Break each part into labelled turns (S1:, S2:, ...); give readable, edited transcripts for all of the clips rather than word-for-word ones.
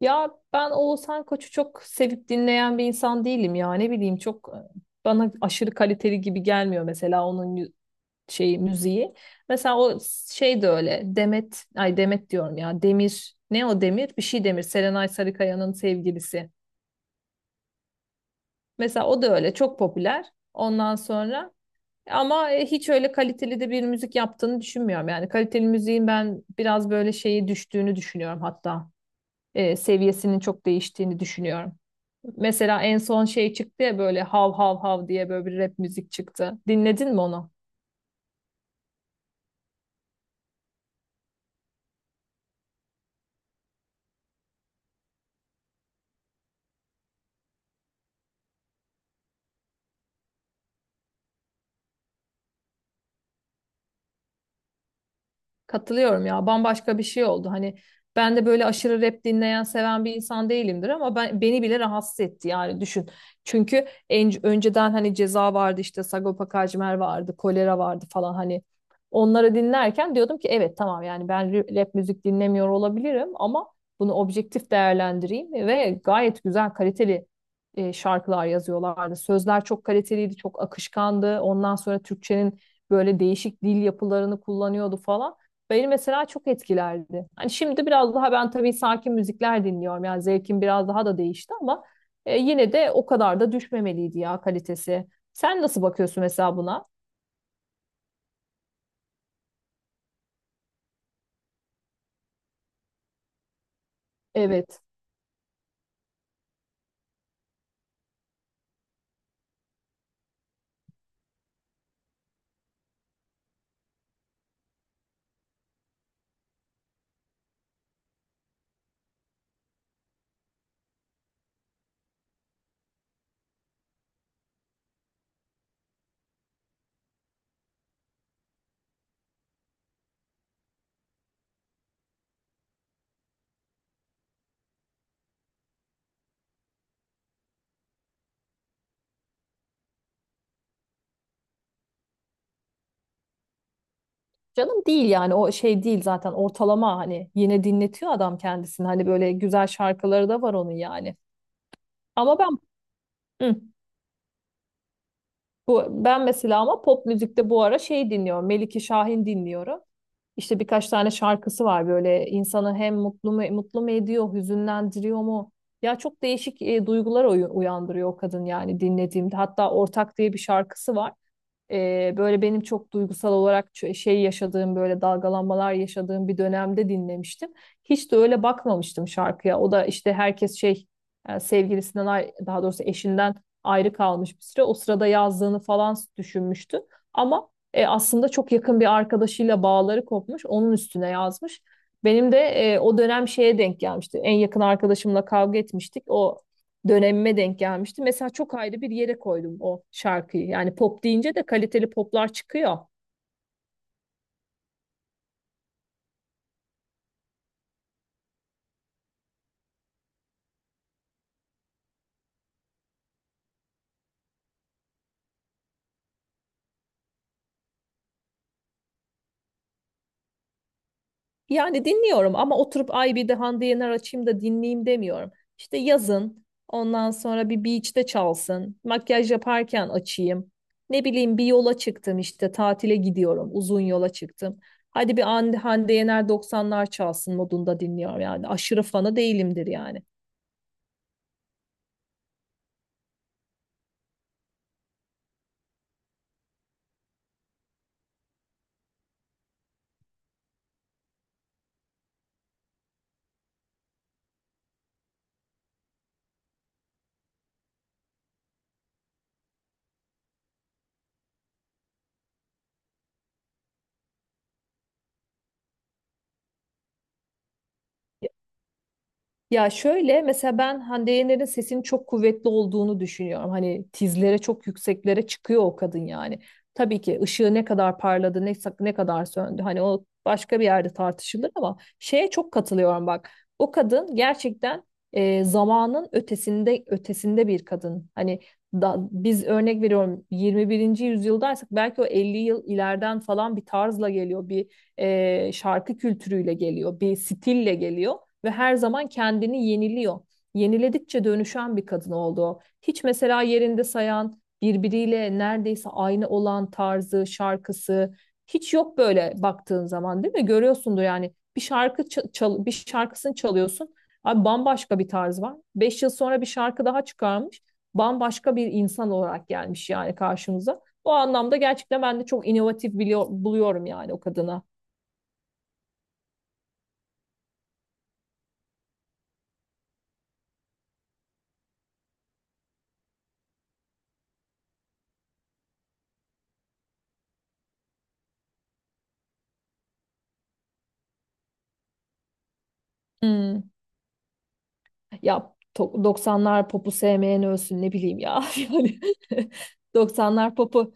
S1: Ya ben Oğuzhan Koç'u çok sevip dinleyen bir insan değilim ya. Ne bileyim çok bana aşırı kaliteli gibi gelmiyor mesela onun şeyi müziği. Mesela o şey de öyle. Demet, ay Demet diyorum ya. Demir, ne o Demir? Bir şey Demir. Serenay Sarıkaya'nın sevgilisi. Mesela o da öyle çok popüler. Ondan sonra ama hiç öyle kaliteli de bir müzik yaptığını düşünmüyorum. Yani kaliteli müziğin ben biraz böyle şeyi düştüğünü düşünüyorum hatta. Seviyesinin çok değiştiğini düşünüyorum. Mesela en son şey çıktı ya böyle hav hav hav diye böyle bir rap müzik çıktı. Dinledin mi onu? Katılıyorum ya. Bambaşka bir şey oldu. Hani ben de böyle aşırı rap dinleyen, seven bir insan değilimdir ama ben beni bile rahatsız etti yani düşün. Çünkü önceden hani Ceza vardı, işte Sagopa Kajmer vardı, Kolera vardı falan. Hani onları dinlerken diyordum ki evet tamam, yani ben rap müzik dinlemiyor olabilirim ama bunu objektif değerlendireyim, ve gayet güzel kaliteli şarkılar yazıyorlardı. Sözler çok kaliteliydi, çok akışkandı. Ondan sonra Türkçenin böyle değişik dil yapılarını kullanıyordu falan. Beni mesela çok etkilerdi. Hani şimdi biraz daha ben tabii sakin müzikler dinliyorum. Yani zevkim biraz daha da değişti ama yine de o kadar da düşmemeliydi ya kalitesi. Sen nasıl bakıyorsun mesela buna? Evet. Canım değil yani, o şey değil zaten, ortalama, hani yine dinletiyor adam kendisini. Hani böyle güzel şarkıları da var onun yani. Ama ben hı, bu ben mesela, ama pop müzikte bu ara şey dinliyorum. Melike Şahin dinliyorum. İşte birkaç tane şarkısı var, böyle insanı hem mutlu mu, mutlu mu ediyor, hüzünlendiriyor mu? Ya çok değişik duygular uyandırıyor o kadın yani dinlediğimde. Hatta Ortak diye bir şarkısı var. Böyle benim çok duygusal olarak şey yaşadığım, böyle dalgalanmalar yaşadığım bir dönemde dinlemiştim. Hiç de öyle bakmamıştım şarkıya. O da işte herkes şey sevgilisinden daha doğrusu eşinden ayrı kalmış bir süre. O sırada yazdığını falan düşünmüştü. Ama aslında çok yakın bir arkadaşıyla bağları kopmuş. Onun üstüne yazmış. Benim de o dönem şeye denk gelmişti. En yakın arkadaşımla kavga etmiştik. O dönemime denk gelmişti. Mesela çok ayrı bir yere koydum o şarkıyı. Yani pop deyince de kaliteli poplar çıkıyor. Yani dinliyorum ama oturup ay bir de Hande Yener açayım da dinleyeyim demiyorum. İşte yazın, ondan sonra bir beach'te çalsın, makyaj yaparken açayım. Ne bileyim, bir yola çıktım, işte tatile gidiyorum, uzun yola çıktım. Hadi bir Hande Yener doksanlar çalsın modunda dinliyorum yani. Aşırı fanı değilimdir yani. Ya şöyle, mesela ben Hande Yener'in sesinin çok kuvvetli olduğunu düşünüyorum. Hani tizlere, çok yükseklere çıkıyor o kadın yani. Tabii ki ışığı ne kadar parladı, ne kadar söndü, hani o başka bir yerde tartışılır, ama şeye çok katılıyorum bak. O kadın gerçekten zamanın ötesinde ötesinde bir kadın. Hani biz örnek veriyorum 21. yüzyıldaysak belki o 50 yıl ileriden falan bir tarzla geliyor. Bir şarkı kültürüyle geliyor, bir stille geliyor ve her zaman kendini yeniliyor. Yeniledikçe dönüşen bir kadın oldu o. Hiç mesela yerinde sayan, birbiriyle neredeyse aynı olan tarzı, şarkısı hiç yok böyle baktığın zaman, değil mi? Görüyorsundur yani, bir şarkı bir şarkısını çalıyorsun. Abi bambaşka bir tarz var. 5 yıl sonra bir şarkı daha çıkarmış. Bambaşka bir insan olarak gelmiş yani karşımıza. O anlamda gerçekten ben de çok inovatif biliyor, buluyorum yani o kadına. Hmm. Ya 90'lar popu sevmeyen ölsün, ne bileyim ya. Yani doksanlar popu.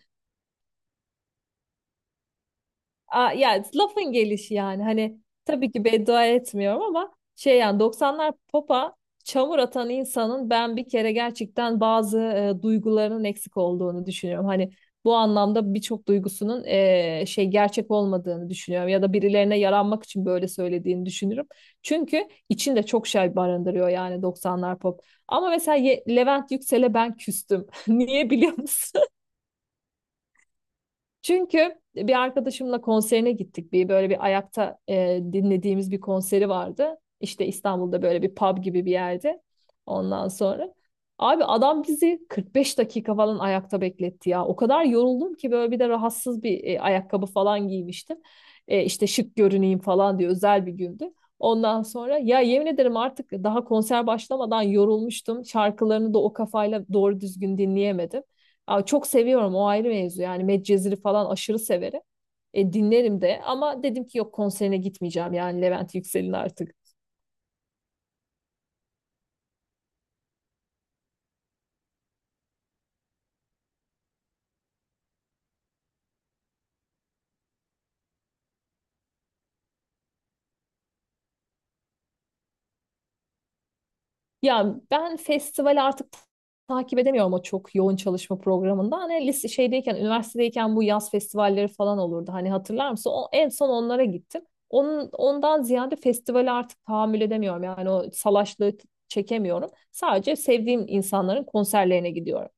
S1: Aa, ya lafın gelişi yani, hani tabii ki beddua etmiyorum ama şey yani, 90'lar popa çamur atan insanın ben bir kere gerçekten bazı duygularının eksik olduğunu düşünüyorum. Hani bu anlamda birçok duygusunun şey gerçek olmadığını düşünüyorum, ya da birilerine yaranmak için böyle söylediğini düşünürüm. Çünkü içinde çok şey barındırıyor yani 90'lar pop. Ama mesela Levent Yüksel'e ben küstüm. Niye biliyor musun? Çünkü bir arkadaşımla konserine gittik. Bir böyle bir ayakta dinlediğimiz bir konseri vardı. İşte İstanbul'da böyle bir pub gibi bir yerde. Ondan sonra abi adam bizi 45 dakika falan ayakta bekletti ya. O kadar yoruldum ki, böyle bir de rahatsız bir ayakkabı falan giymiştim. İşte şık görüneyim falan diye özel bir gündü. Ondan sonra ya yemin ederim artık daha konser başlamadan yorulmuştum. Şarkılarını da o kafayla doğru düzgün dinleyemedim. Aa, çok seviyorum, o ayrı mevzu yani, Medcezir'i falan aşırı severim. Dinlerim de, ama dedim ki yok, konserine gitmeyeceğim yani Levent Yüksel'in artık. Ya ben festival artık takip edemiyorum o çok yoğun çalışma programında. Hani lise şeydeyken, üniversitedeyken bu yaz festivalleri falan olurdu. Hani hatırlar mısın? O, en son onlara gittim. Ondan ziyade festivali artık tahammül edemiyorum. Yani o salaşlığı çekemiyorum. Sadece sevdiğim insanların konserlerine gidiyorum.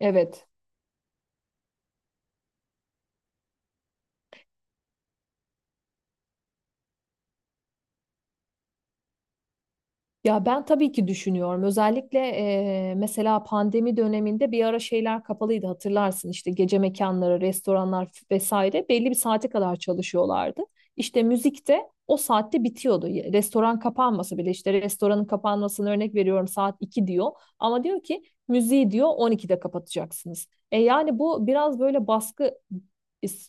S1: Evet. Ya ben tabii ki düşünüyorum. Özellikle mesela pandemi döneminde bir ara şeyler kapalıydı, hatırlarsın. İşte gece mekanları, restoranlar vesaire belli bir saate kadar çalışıyorlardı. İşte müzik de o saatte bitiyordu. Restoran kapanmasa bile, işte restoranın kapanmasını örnek veriyorum, saat 2 diyor. Ama diyor ki müziği diyor 12'de kapatacaksınız. Yani bu biraz böyle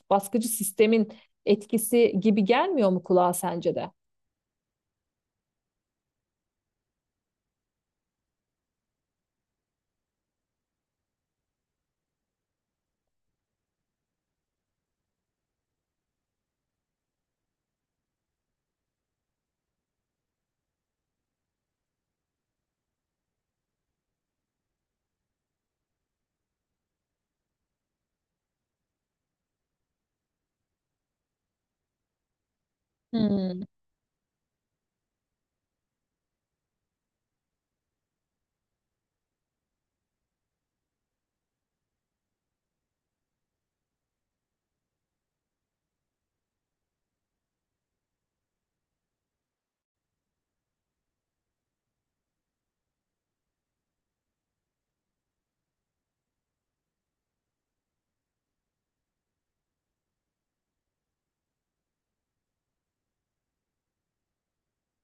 S1: baskıcı sistemin etkisi gibi gelmiyor mu kulağa, sence de?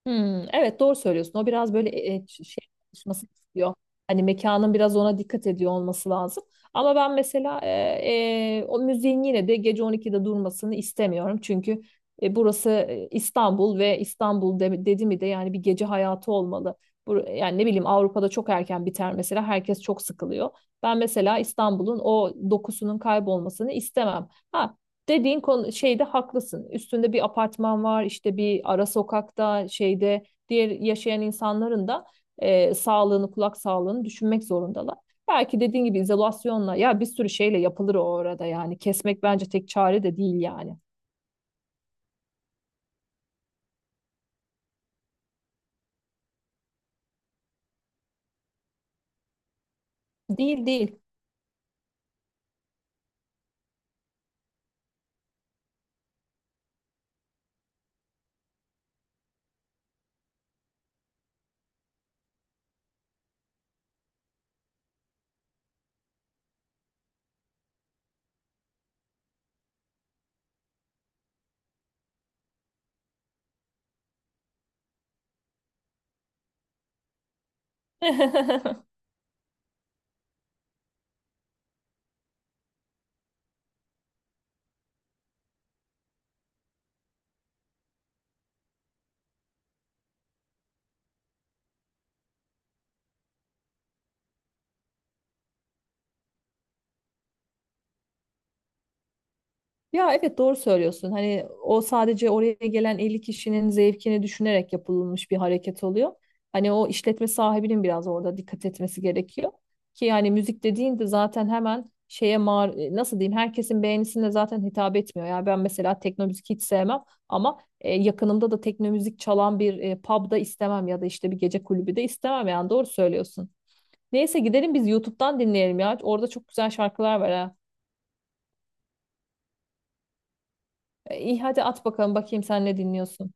S1: Hmm, evet doğru söylüyorsun. O biraz böyle şey çalışması istiyor. Hani mekanın biraz ona dikkat ediyor olması lazım. Ama ben mesela o müziğin yine de gece 12'de durmasını istemiyorum. Çünkü burası İstanbul, ve İstanbul dedi mi de yani bir gece hayatı olmalı. Bu yani, ne bileyim, Avrupa'da çok erken biter mesela, herkes çok sıkılıyor. Ben mesela İstanbul'un o dokusunun kaybolmasını istemem. Ha, dediğin konu şeyde haklısın. Üstünde bir apartman var, işte bir ara sokakta, şeyde diğer yaşayan insanların da sağlığını, kulak sağlığını düşünmek zorundalar. Belki dediğin gibi izolasyonla ya bir sürü şeyle yapılır o orada yani. Kesmek bence tek çare de değil yani. Değil değil. Ya evet, doğru söylüyorsun. Hani o sadece oraya gelen 50 kişinin zevkini düşünerek yapılmış bir hareket oluyor. Hani o işletme sahibinin biraz orada dikkat etmesi gerekiyor. Ki yani müzik dediğinde zaten hemen şeye nasıl diyeyim, herkesin beğenisine zaten hitap etmiyor. Yani ben mesela tekno müzik hiç sevmem, ama yakınımda da tekno müzik çalan bir pub'da istemem, ya da işte bir gece kulübü de istemem, yani doğru söylüyorsun. Neyse, gidelim biz YouTube'dan dinleyelim ya. Orada çok güzel şarkılar var ha. İyi, hadi at bakalım, bakayım sen ne dinliyorsun.